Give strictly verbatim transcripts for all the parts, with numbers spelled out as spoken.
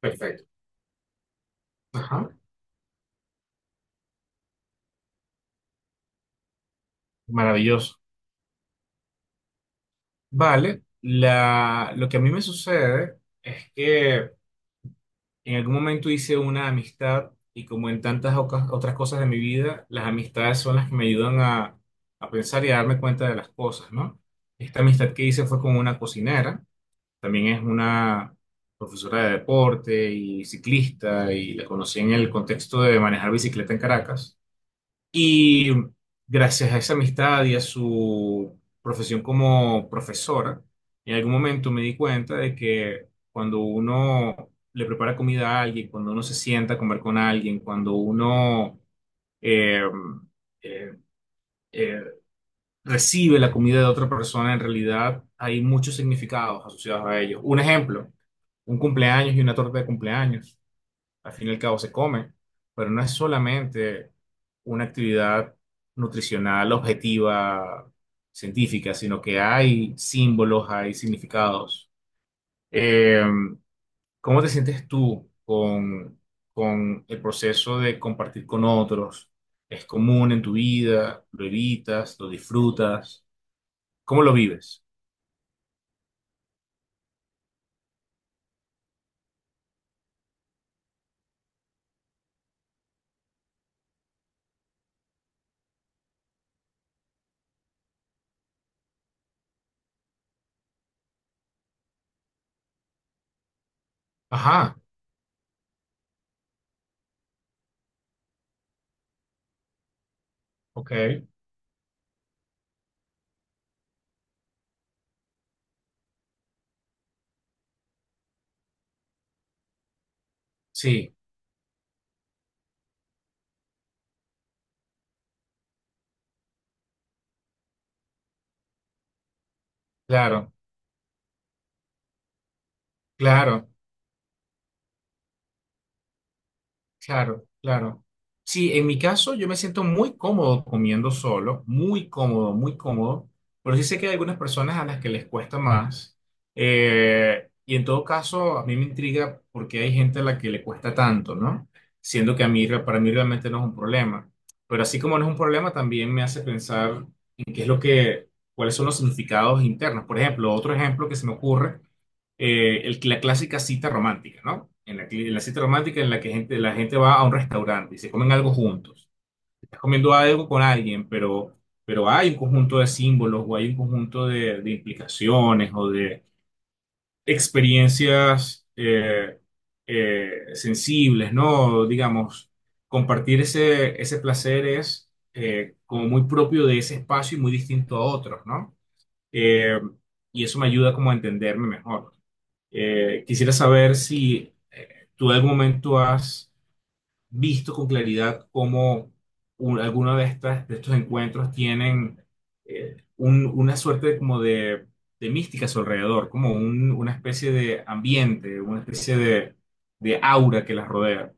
Perfecto. Ajá. Maravilloso. Vale. La, lo que a mí me sucede es que en algún momento hice una amistad y como en tantas oca- otras cosas de mi vida, las amistades son las que me ayudan a, a pensar y a darme cuenta de las cosas, ¿no? Esta amistad que hice fue con una cocinera, también es una profesora de deporte y ciclista y la conocí en el contexto de manejar bicicleta en Caracas. Y gracias a esa amistad y a su profesión como profesora, en algún momento me di cuenta de que cuando uno le prepara comida a alguien, cuando uno se sienta a comer con alguien, cuando uno eh, eh, eh, recibe la comida de otra persona, en realidad hay muchos significados asociados a ello. Un ejemplo, un cumpleaños y una torta de cumpleaños al fin y al cabo se come, pero no es solamente una actividad nutricional objetiva, científica, sino que hay símbolos, hay significados. Eh, ¿Cómo te sientes tú con, con el proceso de compartir con otros? ¿Es común en tu vida? ¿Lo evitas? ¿Lo disfrutas? ¿Cómo lo vives? Ajá, ok, sí, claro, claro. Claro, claro. Sí, en mi caso yo me siento muy cómodo comiendo solo, muy cómodo, muy cómodo, pero sí sé que hay algunas personas a las que les cuesta más. Eh, y en todo caso, a mí me intriga por qué hay gente a la que le cuesta tanto, ¿no? Siendo que a mí, re- para mí realmente no es un problema. Pero así como no es un problema, también me hace pensar en qué es lo que, cuáles son los significados internos. Por ejemplo, otro ejemplo que se me ocurre eh, el- la clásica cita romántica, ¿no? En la, cli- la cita romántica en la que gente, la gente va a un restaurante y se comen algo juntos. Estás comiendo algo con alguien, pero, pero hay un conjunto de símbolos o hay un conjunto de, de implicaciones o de experiencias eh, eh, sensibles, ¿no? Digamos, compartir ese, ese placer es eh, como muy propio de ese espacio y muy distinto a otros, ¿no? Eh, y eso me ayuda como a entenderme mejor. Eh, quisiera saber si eh, tú en algún momento has visto con claridad cómo un- alguno de estas, de estos encuentros tienen eh, un- una suerte de- como de, de mística a su alrededor, como un- una especie de ambiente, una especie de, de aura que las rodea.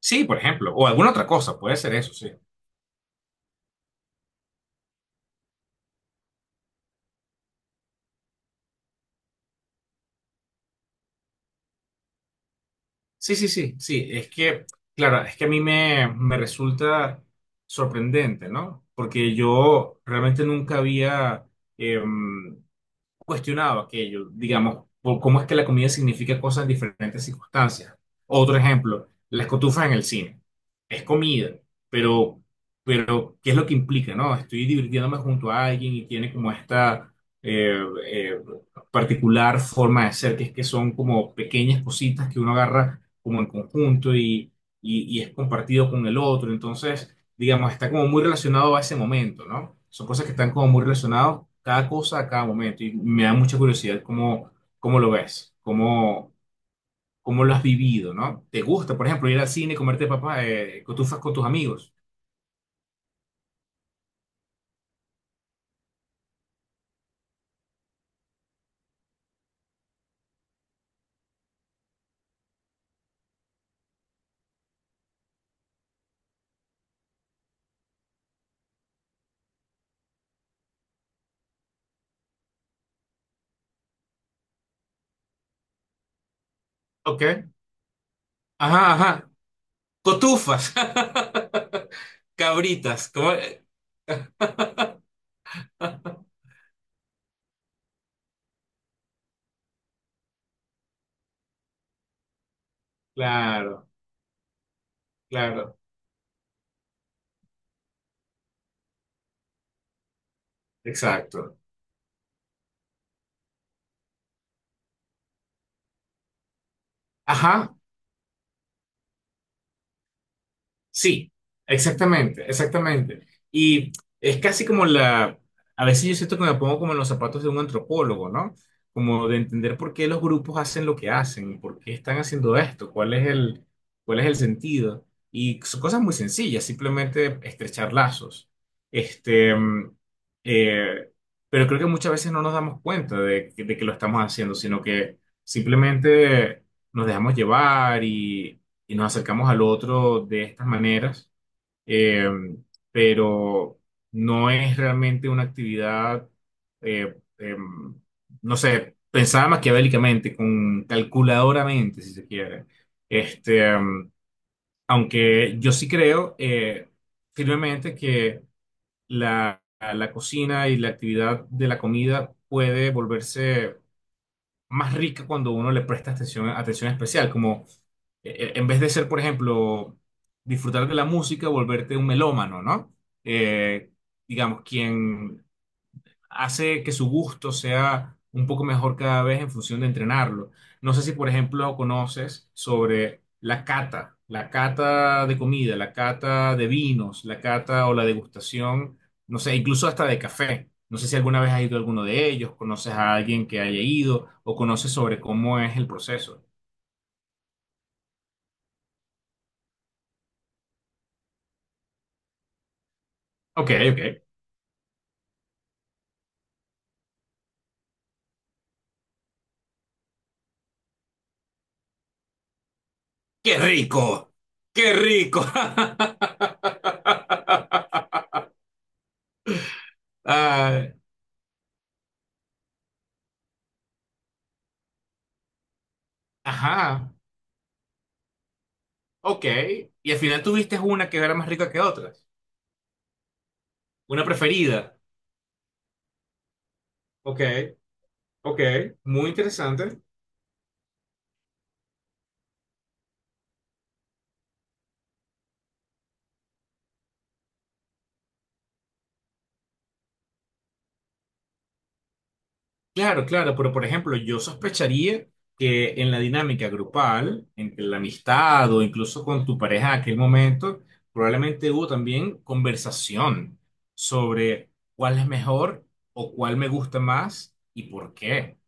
Sí, por ejemplo, o alguna otra cosa, puede ser eso, sí. Sí, sí, sí, sí, es que, claro, es que a mí me, me resulta sorprendente, ¿no? Porque yo realmente nunca había, em, cuestionado aquello, digamos, por cómo es que la comida significa cosas en diferentes circunstancias. Otro ejemplo, las cotufas en el cine. Es comida, pero, pero ¿qué es lo que implica, no? Estoy divirtiéndome junto a alguien y tiene como esta eh, eh, particular forma de ser, que es que son como pequeñas cositas que uno agarra como en conjunto y, y, y es compartido con el otro. Entonces, digamos, está como muy relacionado a ese momento, ¿no? Son cosas que están como muy relacionadas, cada cosa a cada momento, y me da mucha curiosidad cómo, cómo lo ves, cómo, cómo lo has vivido, ¿no? ¿Te gusta, por ejemplo, ir al cine, comerte papas, eh, cotufas con tus amigos? Ok. Ajá, ajá. Cotufas. Cabritas. ¿cómo? Claro, claro. Exacto. Ajá, Sí, exactamente, exactamente. Y es casi como la, a veces yo siento que me pongo como en los zapatos de un antropólogo, ¿no? Como de entender por qué los grupos hacen lo que hacen, por qué están haciendo esto, cuál es el, cuál es el sentido. Y son cosas muy sencillas, simplemente estrechar lazos. Este, mm, eh, pero creo que muchas veces no nos damos cuenta de, que de que lo estamos haciendo, sino que simplemente nos dejamos llevar y nos acercamos al otro de estas maneras, eh, pero no es realmente una actividad, eh, em, no sé, pensada maquiavélicamente, con calculadoramente, si se quiere. Este, em, Aunque yo sí creo eh, firmemente que la, la cocina y la actividad de la comida puede volverse más rica cuando uno le presta atención, atención especial, como eh, eh, en vez de ser, por ejemplo, disfrutar de la música, volverte un melómano, ¿no? Eh, digamos, quien hace que su gusto sea un poco mejor cada vez en función de entrenarlo. No sé si, por ejemplo, conoces sobre la cata, la cata de comida, la cata de vinos, la cata o la degustación, no sé, incluso hasta de café. No sé si alguna vez has ido a alguno de ellos, conoces a alguien que haya ido o conoces sobre cómo es el proceso. Ok, ok. ¡Qué rico! ¡Qué rico! Ah, ajá. Ok. Y al final tuviste una que era más rica que otras. Una preferida. Ok, ok. Muy interesante. Claro, claro, pero por ejemplo, yo sospecharía que en la dinámica grupal, entre la amistad o incluso con tu pareja en aquel momento, probablemente hubo también conversación sobre cuál es mejor o cuál me gusta más y por qué.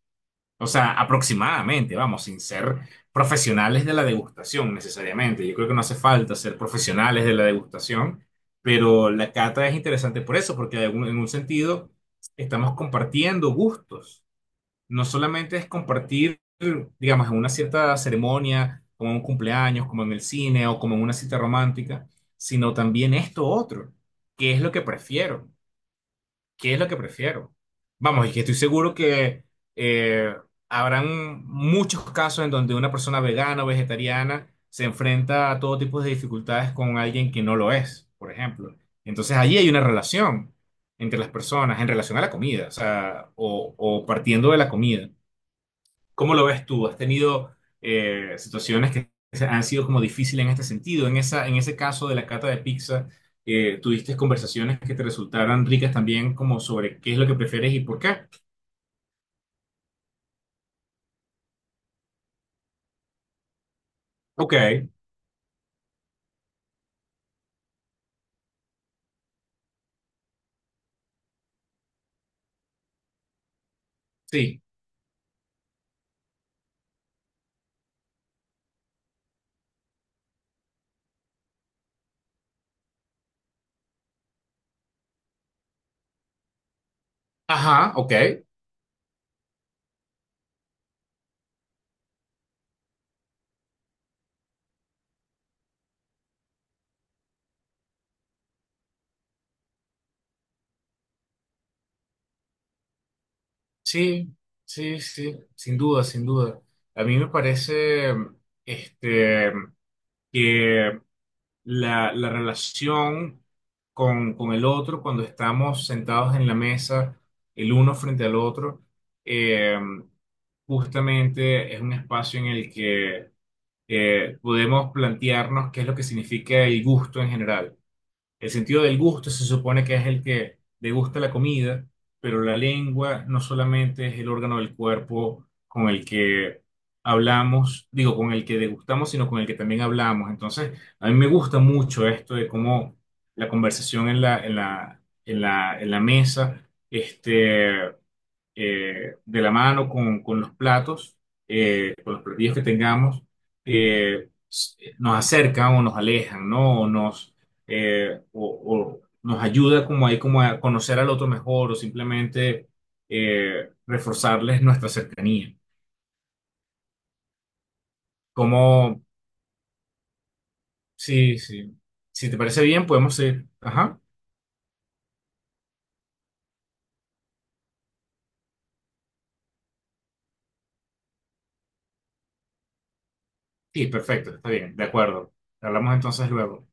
O sea, aproximadamente, vamos, sin ser profesionales de la degustación necesariamente. Yo creo que no hace falta ser profesionales de la degustación, pero la cata es interesante por eso, porque de algún- en un sentido estamos compartiendo gustos. No solamente es compartir, digamos, en una cierta ceremonia, como en un cumpleaños, como en el cine o como en una cita romántica, sino también esto otro, que es lo que prefiero. ¿Qué es lo que prefiero? Vamos, y que estoy seguro que eh, habrán muchos casos en donde una persona vegana o vegetariana se enfrenta a todo tipo de dificultades con alguien que no lo es, por ejemplo. Entonces allí hay una relación entre las personas en relación a la comida, o sea, o, o partiendo de la comida. ¿Cómo lo ves tú? ¿Has tenido eh, situaciones que han sido como difíciles en este sentido? En esa, en ese caso de la cata de pizza, eh, ¿tuviste conversaciones que te resultaran ricas también como sobre qué es lo que prefieres y por qué? Ok, sí. Ajá, ok. Sí, sí, sí, sin duda, sin duda. A mí me parece, este, que la, la relación con, con el otro cuando estamos sentados en la mesa, el uno frente al otro, eh, justamente es un espacio en el que eh, podemos plantearnos qué es lo que significa el gusto en general. El sentido del gusto se supone que es el que degusta la comida, pero la lengua no solamente es el órgano del cuerpo con el que hablamos, digo, con el que degustamos, sino con el que también hablamos. Entonces, a mí me gusta mucho esto de cómo la conversación en la, en la, en la, en la mesa, este, eh, de la mano con, con los platos, eh, con los platillos que tengamos, eh, s- nos acercan o nos alejan, ¿no? O nos, eh, o, o nos ayuda como ahí como a conocer al otro mejor o simplemente eh, reforzarles nuestra cercanía. Como, sí, sí. Si te parece bien, podemos ir. Ajá. Sí, perfecto, está bien, de acuerdo. Hablamos entonces luego.